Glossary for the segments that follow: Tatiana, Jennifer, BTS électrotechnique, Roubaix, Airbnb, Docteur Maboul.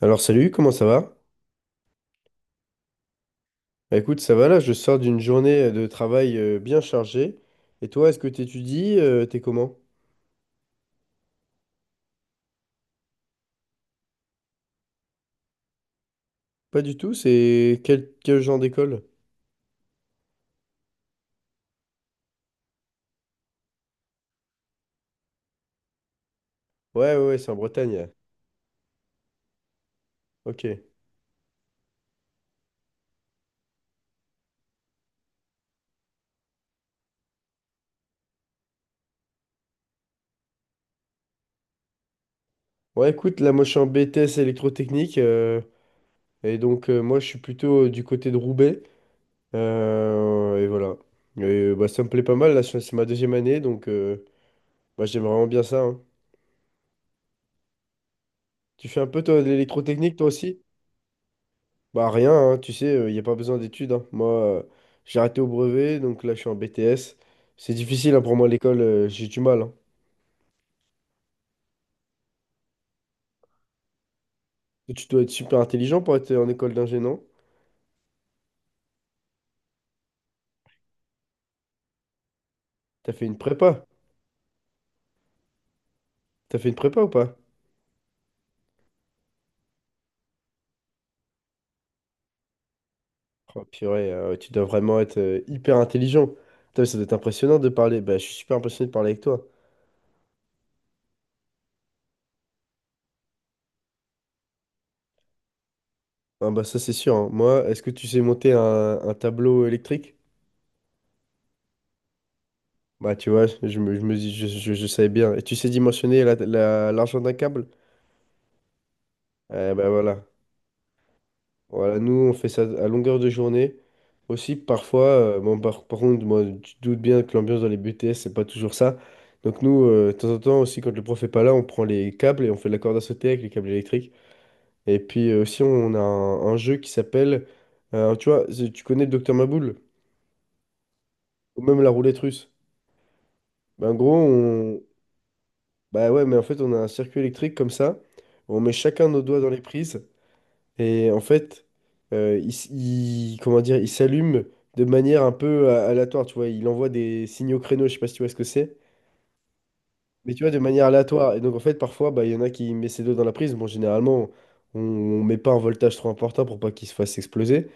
Alors salut, comment ça va? Écoute, ça va là, je sors d'une journée de travail bien chargée. Et toi, est-ce que t'étudies? T'es comment? Pas du tout, c'est quel genre d'école? Ouais, ouais, ouais, c'est en Bretagne. Ok. Ouais, écoute, là, moi, je suis en BTS électrotechnique. Et donc, moi, je suis plutôt du côté de Roubaix. Et voilà. Et, ça me plaît pas mal, là, c'est ma 2e année, bah, j'aime vraiment bien ça, hein. Tu fais un peu, toi, de l'électrotechnique, toi aussi? Bah rien, hein, tu sais, il n'y a pas besoin d'études, hein. Moi, euh, j'ai arrêté au brevet, donc là, je suis en BTS. C'est difficile hein, pour moi, l'école, j'ai du mal, hein. Tu dois être super intelligent pour être en école d'ingé, non? T'as fait une prépa? T'as fait une prépa ou pas? Oh purée, tu dois vraiment être hyper intelligent. Putain, ça doit être impressionnant de parler. Bah, je suis super impressionné de parler avec toi. Ah bah ça, c'est sûr, hein. Moi, est-ce que tu sais monter un tableau électrique? Bah tu vois, je me dis, je savais bien. Et tu sais dimensionner l'argent d'un câble? Eh bah voilà. Voilà, nous, on fait ça à longueur de journée. Aussi, parfois, bon, par contre, moi, tu te doutes bien que l'ambiance dans les BTS, c'est pas toujours ça. Donc, nous, de temps en temps, aussi, quand le prof est pas là, on prend les câbles et on fait de la corde à sauter avec les câbles électriques. Et puis, aussi, on a un jeu qui s'appelle, tu vois, tu connais le Docteur Maboul, ou même la roulette russe. Ben, en gros, on... Bah ouais, mais en fait, on a un circuit électrique comme ça. On met chacun nos doigts dans les prises. Et en fait, comment dire, il s'allume de manière un peu aléatoire, tu vois. Il envoie des signaux créneaux, je sais pas si tu vois ce que c'est, mais tu vois, de manière aléatoire. Et donc, en fait, parfois, bah, il y en a qui mettent ses doigts dans la prise. Bon, généralement, on met pas un voltage trop important pour pas qu'il se fasse exploser.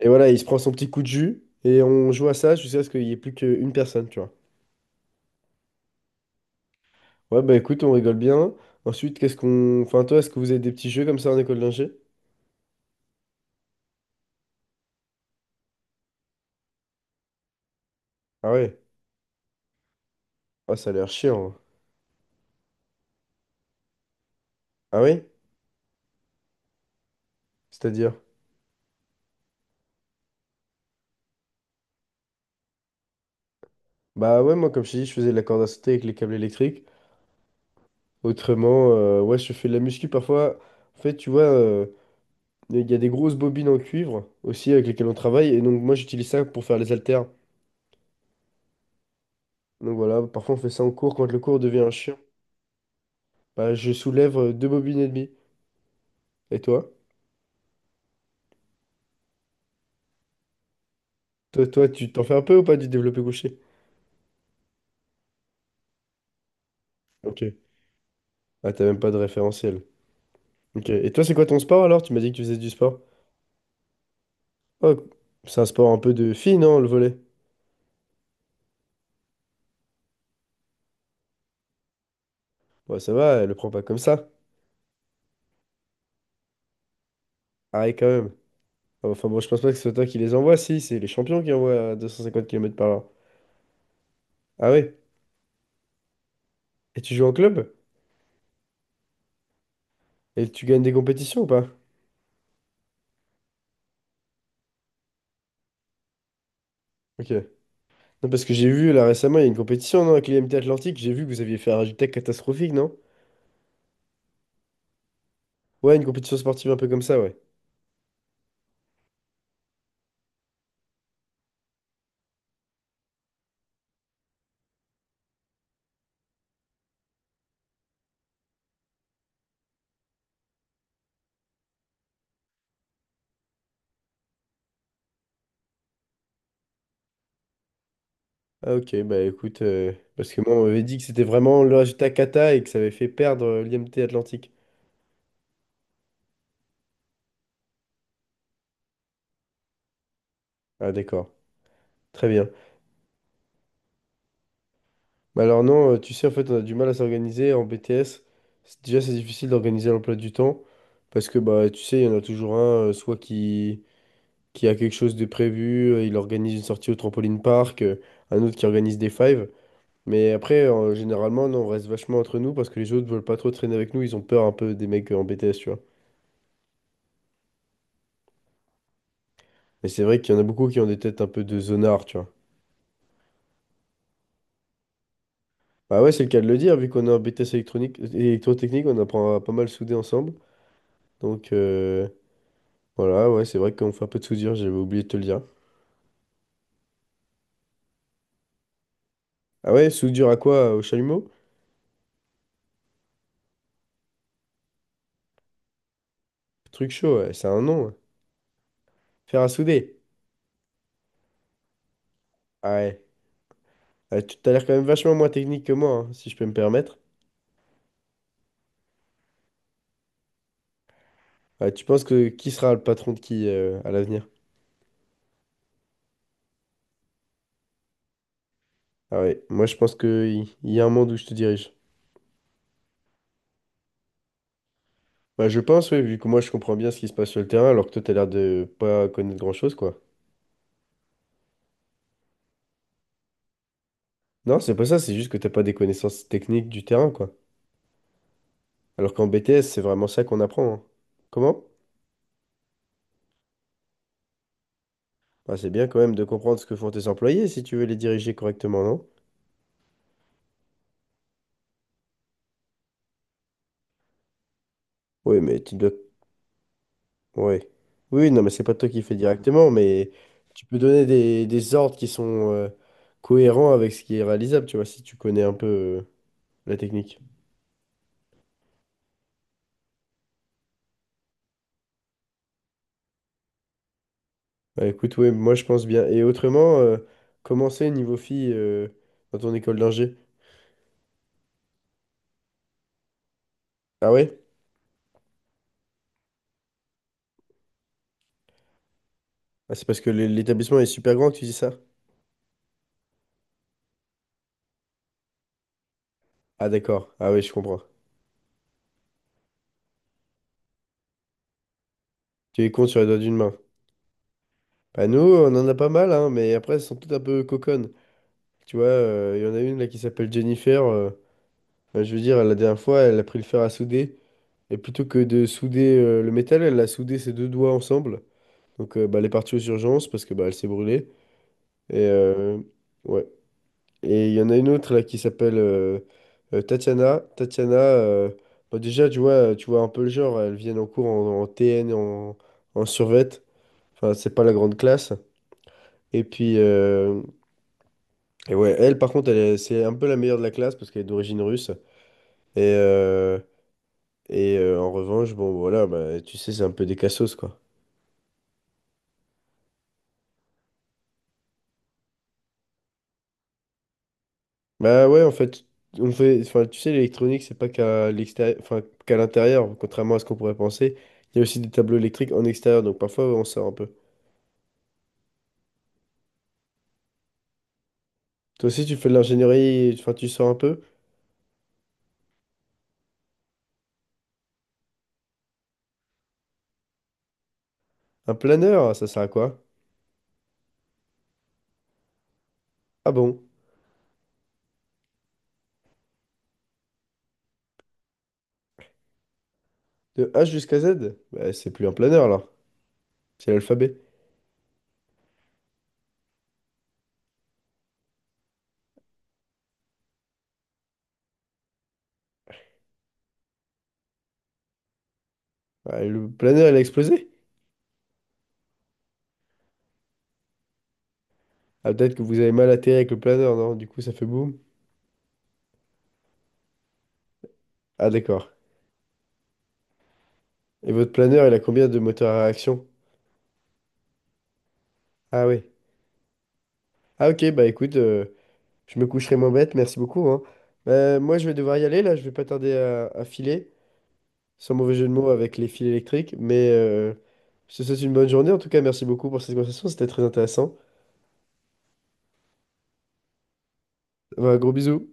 Et voilà, il se prend son petit coup de jus et on joue à ça jusqu'à ce qu'il y ait plus qu'une personne, tu vois. Ouais, bah écoute, on rigole bien. Ensuite, qu'est-ce qu'on... Enfin, toi, est-ce que vous avez des petits jeux comme ça en école d'ingé? Ah ouais? Ah, ça a l'air chiant, hein. Ah oui? C'est-à-dire? Bah ouais, moi, comme je t'ai dit, je faisais de la corde à sauter avec les câbles électriques. Autrement, ouais, je fais de la muscu parfois. En fait, tu vois, il y a des grosses bobines en cuivre aussi avec lesquelles on travaille. Et donc, moi, j'utilise ça pour faire les haltères. Donc voilà, parfois, on fait ça en cours. Quand le cours devient chiant, bah, je soulève 2 bobines et demie. Et toi? Toi, tu t'en fais un peu ou pas du développé couché? Ok. Ah, t'as même pas de référentiel. Ok. Et toi, c'est quoi ton sport alors? Tu m'as dit que tu faisais du sport. Oh, c'est un sport un peu de fille, non, le volley? Ouais, ça va, elle le prend pas comme ça. Arrête quand même. Ah, enfin bon, je pense pas que ce soit toi qui les envoie, si, c'est les champions qui envoient à 250 km par heure. Ah ouais? Et tu joues en club? Et tu gagnes des compétitions ou pas? Ok. Non, parce que j'ai vu là récemment, il y a une compétition, non, avec l'IMT Atlantique, j'ai vu que vous aviez fait un résultat catastrophique, non? Ouais, une compétition sportive un peu comme ça, ouais. Ah ok, bah écoute, parce que moi on m'avait dit que c'était vraiment le résultat cata et que ça avait fait perdre l'IMT Atlantique. Ah d'accord, très bien. Bah alors non, tu sais, en fait, on a du mal à s'organiser en BTS. Déjà, c'est difficile d'organiser l'emploi du temps parce que, bah, tu sais, il y en a toujours un, qui a quelque chose de prévu, il organise une sortie au trampoline park, un autre qui organise des fives. Mais après, généralement, non, on reste vachement entre nous parce que les autres veulent pas trop traîner avec nous, ils ont peur un peu des mecs en BTS, tu vois. Mais c'est vrai qu'il y en a beaucoup qui ont des têtes un peu de zonards, tu vois. Bah ouais, c'est le cas de le dire, vu qu'on est en BTS électronique, électrotechnique, on apprend à pas mal souder ensemble. Donc... voilà, ouais, c'est vrai qu'on fait un peu de soudure, j'avais oublié de te le dire. Ah ouais, soudure à quoi? Au chalumeau? Truc chaud, ouais, c'est un nom, ouais. Faire à souder. Ah ouais. Ah, tu t'as l'air quand même vachement moins technique que moi, hein, si je peux me permettre. Ah, tu penses que qui sera le patron de qui à l'avenir? Ah ouais, moi je pense que a un monde où je te dirige. Bah je pense, ouais, vu que moi je comprends bien ce qui se passe sur le terrain, alors que toi t'as l'air de pas connaître grand-chose, quoi. Non, c'est pas ça, c'est juste que t'as pas des connaissances techniques du terrain, quoi. Alors qu'en BTS, c'est vraiment ça qu'on apprend, hein. Comment? Ah, c'est bien quand même de comprendre ce que font tes employés si tu veux les diriger correctement, non? Oui, mais tu dois... Ouais. Oui, non, mais c'est pas toi qui fais directement, mais tu peux donner des ordres qui sont cohérents avec ce qui est réalisable, tu vois, si tu connais un peu la technique. Bah, écoute, oui, moi je pense bien. Et autrement, comment c'est niveau filles dans ton école d'ingé? Ah ouais? Ah, c'est parce que l'établissement est super grand que tu dis ça? Ah d'accord, ah oui, je comprends. Tu les comptes sur les doigts d'une main. Bah nous, on en a pas mal, hein, mais après, elles sont toutes un peu coconnes. Tu vois, il y en a une là qui s'appelle Jennifer. Je veux dire, la dernière fois, elle a pris le fer à souder. Et plutôt que de souder le métal, elle a soudé ses deux doigts ensemble. Donc bah, elle est partie aux urgences parce que bah, elle s'est brûlée. Et ouais. Et il y en a une autre là qui s'appelle Tatiana. Tatiana, bah, déjà, tu vois un peu le genre. Elles viennent en cours en TN, en, en survêt. Enfin, c'est pas la grande classe. Et puis, et ouais, par contre, c'est un peu la meilleure de la classe parce qu'elle est d'origine russe. Et, euh, et en revanche, bon, voilà, bah, tu sais, c'est un peu des cassos, quoi. Bah ouais, en fait, on fait, enfin, tu sais, l'électronique, c'est pas qu'à l'extérieur, enfin, qu'à l'intérieur, contrairement à ce qu'on pourrait penser. Il y a aussi des tableaux électriques en extérieur, donc parfois, on sort un peu. Toi aussi, tu fais de l'ingénierie, enfin, tu sors un peu. Un planeur, ça sert à quoi? Ah bon? De H jusqu'à Z? Bah, c'est plus un planeur, alors. C'est l'alphabet. Bah, le planeur, il a explosé. Ah, peut-être que vous avez mal atterri avec le planeur, non? Du coup, ça fait boum. Ah, d'accord. Et votre planeur, il a combien de moteurs à réaction? Ah oui. Ah ok, bah écoute, je me coucherai moins bête, merci beaucoup, hein. Moi je vais devoir y aller là, je vais pas tarder à filer, sans mauvais jeu de mots avec les fils électriques, mais je te souhaite une bonne journée en tout cas, merci beaucoup pour cette conversation, c'était très intéressant. Bah, gros bisous.